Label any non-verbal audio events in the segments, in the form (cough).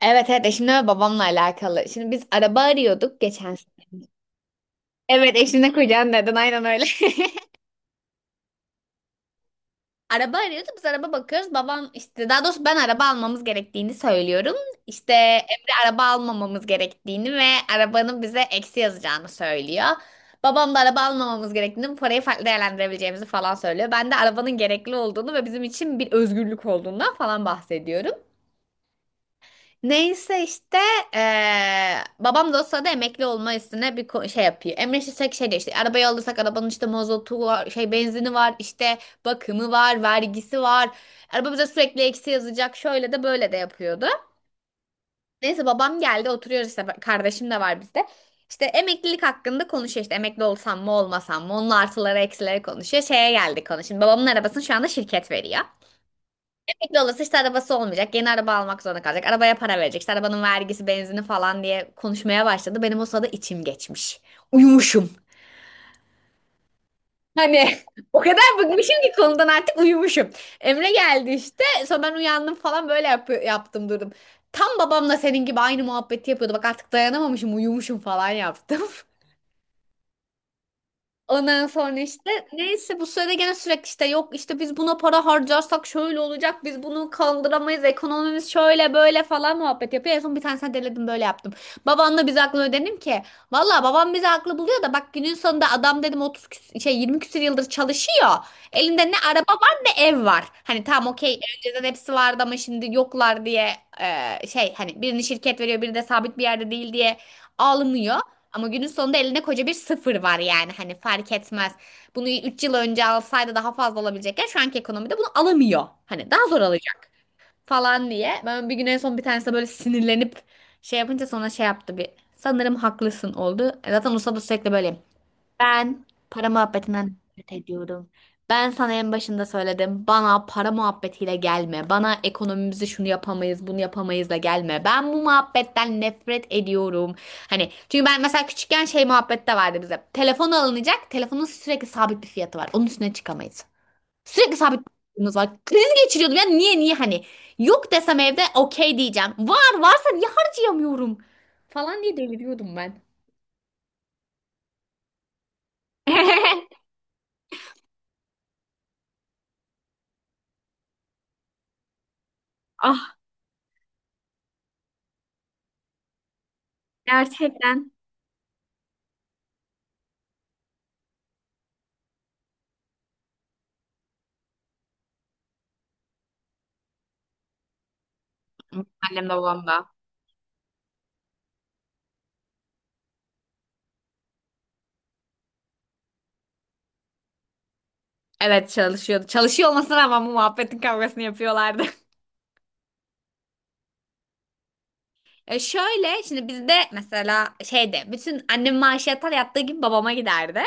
Evet evet eşimle ve babamla alakalı. Şimdi biz araba arıyorduk geçen sene. Evet eşimle kucağın dedin aynen öyle. (laughs) Araba arıyorduk biz araba bakıyoruz. Babam işte daha doğrusu ben araba almamız gerektiğini söylüyorum. İşte Emre araba almamamız gerektiğini ve arabanın bize eksi yazacağını söylüyor. Babam da araba almamamız gerektiğini, bu parayı farklı değerlendirebileceğimizi falan söylüyor. Ben de arabanın gerekli olduğunu ve bizim için bir özgürlük olduğundan falan bahsediyorum. Neyse işte babam da o sırada emekli olma üstüne bir şey yapıyor. Emre Şişek şey diyor işte arabayı alırsak arabanın işte mazotu var, şey benzini var, işte bakımı var, vergisi var. Araba bize sürekli eksi yazacak şöyle de böyle de yapıyordu. Neyse babam geldi oturuyoruz işte kardeşim de var bizde. İşte emeklilik hakkında konuşuyor işte emekli olsam mı olmasam mı onun artıları eksileri konuşuyor. Şeye geldik konu. Şimdi babamın arabasını şu anda şirket veriyor. Emekli olursa işte arabası olmayacak. Yeni araba almak zorunda kalacak. Arabaya para verecek. İşte arabanın vergisi, benzini falan diye konuşmaya başladı. Benim o sırada içim geçmiş. Uyumuşum. Hani (laughs) o kadar bıkmışım ki konudan artık uyumuşum. Emre geldi işte. Sonra ben uyandım falan böyle yaptım durdum. Tam babamla senin gibi aynı muhabbeti yapıyordu. Bak artık dayanamamışım uyumuşum falan yaptım. (laughs) Ondan sonra işte neyse bu sürede gene sürekli işte yok işte biz buna para harcarsak şöyle olacak biz bunu kaldıramayız ekonomimiz şöyle böyle falan muhabbet yapıyor. En son bir tanesine deledim böyle yaptım. Babanla biz haklı ödedim ki. Valla babam bizi haklı buluyor da bak günün sonunda adam dedim 30 20 küsür yıldır çalışıyor. Elinde ne araba var ne ev var. Hani tamam okey önceden hepsi vardı ama şimdi yoklar diye şey hani birini şirket veriyor biri de sabit bir yerde değil diye ağlanıyor. Ama günün sonunda elinde koca bir sıfır var yani hani fark etmez. Bunu 3 yıl önce alsaydı daha fazla olabilecekken şu anki ekonomide bunu alamıyor. Hani daha zor alacak falan diye. Ben bir gün en son bir tanesi böyle sinirlenip şey yapınca sonra şey yaptı bir. Sanırım haklısın oldu. E zaten usta da sürekli böyle. Ben para muhabbetinden nefret ediyorum. Ben sana en başında söyledim. Bana para muhabbetiyle gelme. Bana ekonomimizi şunu yapamayız, bunu yapamayızla gelme. Ben bu muhabbetten nefret ediyorum. Hani çünkü ben mesela küçükken şey muhabbette vardı bize. Telefon alınacak. Telefonun sürekli sabit bir fiyatı var. Onun üstüne çıkamayız. Sürekli sabit bir fiyatımız var. Kriz geçiriyordum. Ya niye niye hani yok desem evde okey diyeceğim. Var varsa niye harcayamıyorum falan diye deliriyordum ben. (laughs) Ah gerçekten. Annem de babam da. Evet çalışıyordu. Çalışıyor olmasına rağmen bu muhabbetin kavgasını yapıyorlardı. (laughs) E şöyle şimdi bizde mesela şeyde bütün annem maaşı yatar yattığı gibi babama giderdi.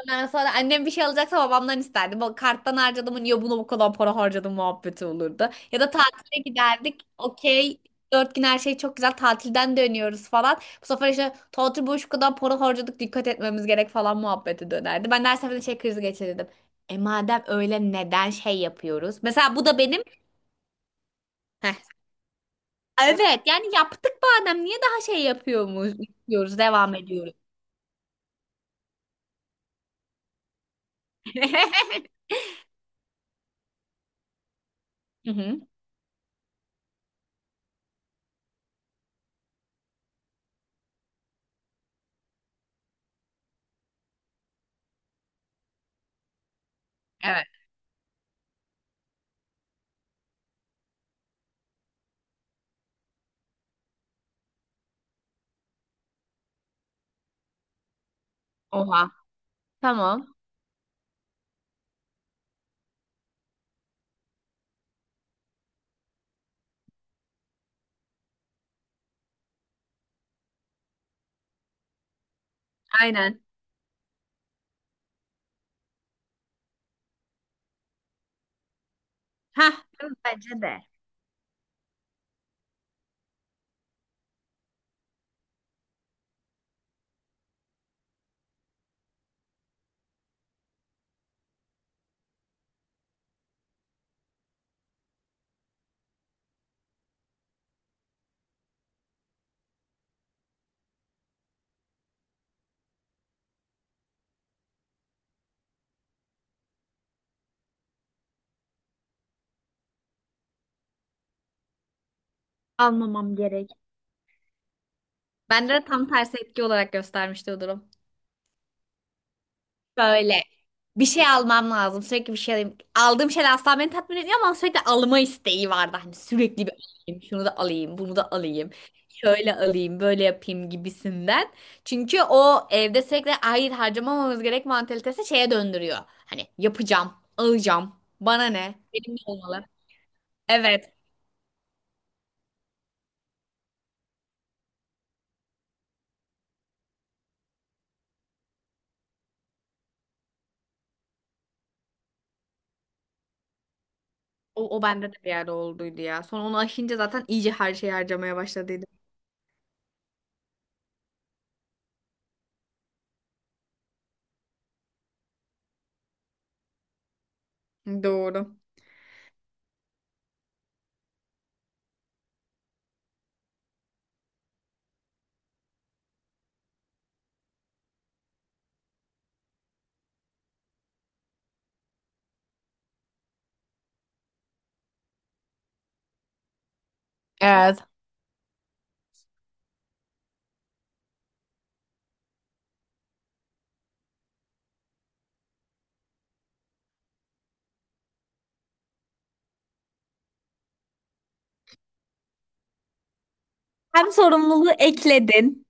Ondan sonra annem bir şey alacaksa babamdan isterdi. Bu karttan harcadım niye bunu bu kadar para harcadım muhabbeti olurdu. Ya da tatile giderdik. Okey. Dört gün her şey çok güzel. Tatilden dönüyoruz falan. Bu sefer işte tatil boyu şu kadar para harcadık dikkat etmemiz gerek falan muhabbeti dönerdi. Ben de her seferinde şey krizi geçirirdim. E madem öyle neden şey yapıyoruz? Mesela bu da benim. Heh. Evet yani yaptık madem niye daha şey yapıyoruz? Diyoruz devam ediyoruz. (laughs) Hı hı. Evet. Oha. Tamam. Aynen. Heh, bence de. Almamam gerek. Bende de tam tersi etki olarak göstermişti o durum. Böyle bir şey almam lazım. Sürekli bir şey alayım. Aldığım şeyler asla beni tatmin etmiyor ama sürekli alma isteği vardı. Hani sürekli bir alayım. Şunu da alayım. Bunu da alayım. Şöyle alayım. Böyle yapayım gibisinden. Çünkü o evde sürekli hayır harcamamamız gerek mantalitesi şeye döndürüyor. Hani yapacağım. Alacağım. Bana ne? Benim ne olmalı? Evet. O bende de bir yerde olduydu ya. Sonra onu aşınca zaten iyice her şeyi harcamaya başladıydım. Doğru. Evet. Hem sorumluluğu ekledin,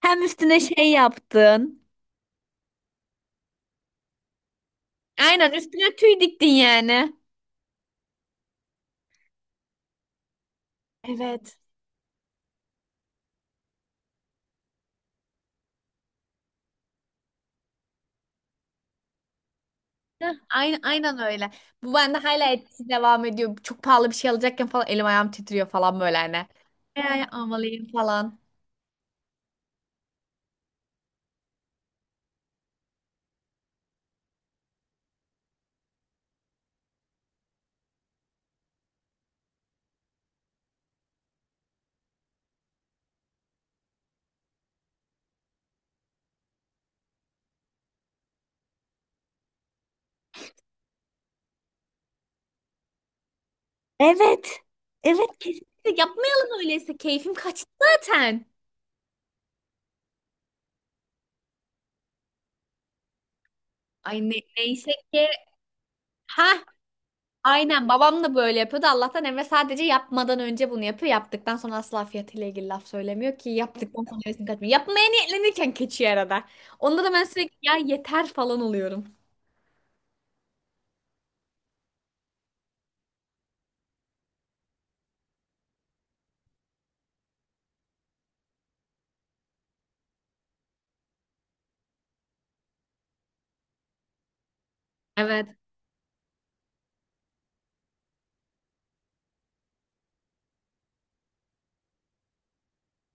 hem üstüne şey yaptın. Aynen üstüne tüy diktin yani. Evet. Heh, aynen, aynen öyle. Bu bende hala etkisi devam ediyor. Çok pahalı bir şey alacakken falan elim ayağım titriyor falan böyle hani. Yani almalıyım falan. Evet. Evet kesin. Yapmayalım öyleyse. Keyfim kaçtı zaten. Ay ne, neyse ki. Ha aynen babam da böyle yapıyordu. Allah'tan Emre sadece yapmadan önce bunu yapıyor. Yaptıktan sonra asla fiyatıyla ilgili laf söylemiyor ki yaptıktan sonra hevesini kaçmıyor. Yapmaya niyetlenirken kaçıyor arada. Onda da ben sürekli ya yeter falan oluyorum. Evet.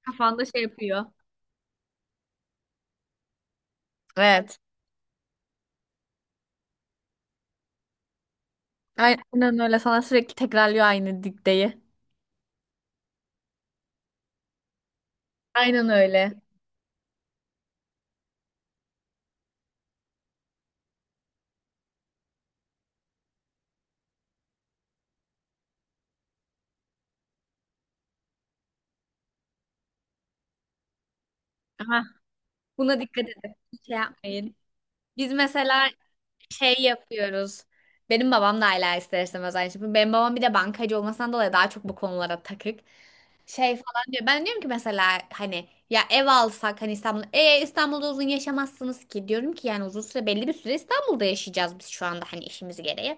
Kafanda şey yapıyor. Evet. Aynen öyle. Sana sürekli tekrarlıyor aynı dikteyi. Aynen öyle. Aha. Buna dikkat edin. Hiç şey yapmayın. Biz mesela şey yapıyoruz. Benim babam da hala ister istemez aynı şey yapıyor. Benim babam bir de bankacı olmasından dolayı daha çok bu konulara takık. Şey falan diyor. Ben diyorum ki mesela hani ya ev alsak hani İstanbul İstanbul'da uzun yaşamazsınız ki diyorum ki yani uzun süre belli bir süre İstanbul'da yaşayacağız biz şu anda hani işimiz gereği.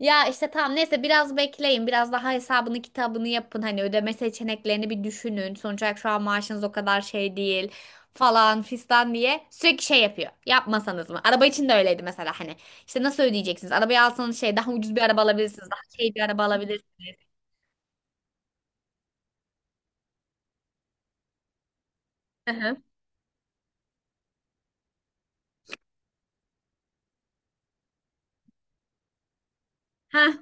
Ya işte tamam neyse biraz bekleyin biraz daha hesabını kitabını yapın hani ödeme seçeneklerini bir düşünün. Sonuç olarak şu an maaşınız o kadar şey değil falan fistan diye sürekli şey yapıyor. Yapmasanız mı? Araba için de öyleydi mesela hani. İşte nasıl ödeyeceksiniz? Arabayı alsanız şey daha ucuz bir araba alabilirsiniz. Daha şey bir araba alabilirsiniz. Hı hı. Heh,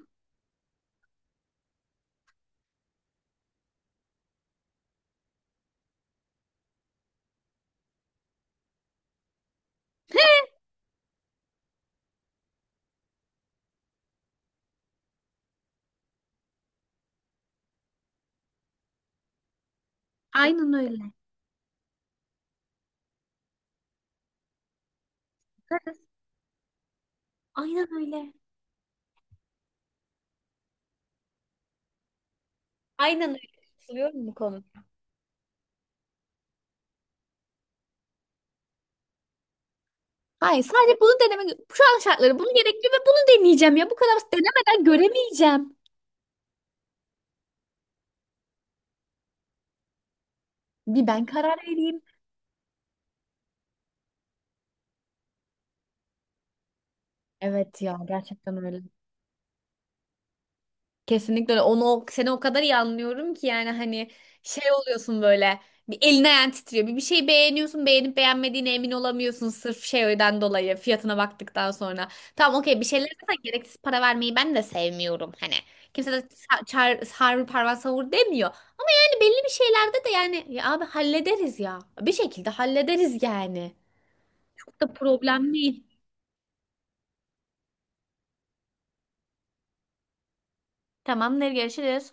aynen öyle. Aynen öyle. Aynen öyle. Katılıyorum bu konuda. Hayır sadece bunu denemek şu an şartları bunu gerekli ve bunu deneyeceğim ya. Bu kadar basit. Denemeden göremeyeceğim. Bir ben karar vereyim. Evet ya gerçekten öyle. Kesinlikle öyle. Onu seni o kadar iyi anlıyorum ki yani hani şey oluyorsun böyle bir elin ayağın titriyor. Bir şey beğeniyorsun beğenip beğenmediğine emin olamıyorsun sırf şeyden dolayı fiyatına baktıktan sonra. Tamam okey bir şeylere zaten gereksiz para vermeyi ben de sevmiyorum hani. Kimse de çar, sarı parmağı savur demiyor. De belli bir şeylerde de yani ya abi hallederiz ya. Bir şekilde hallederiz yani. Çok da problem değil. Tamamdır görüşürüz.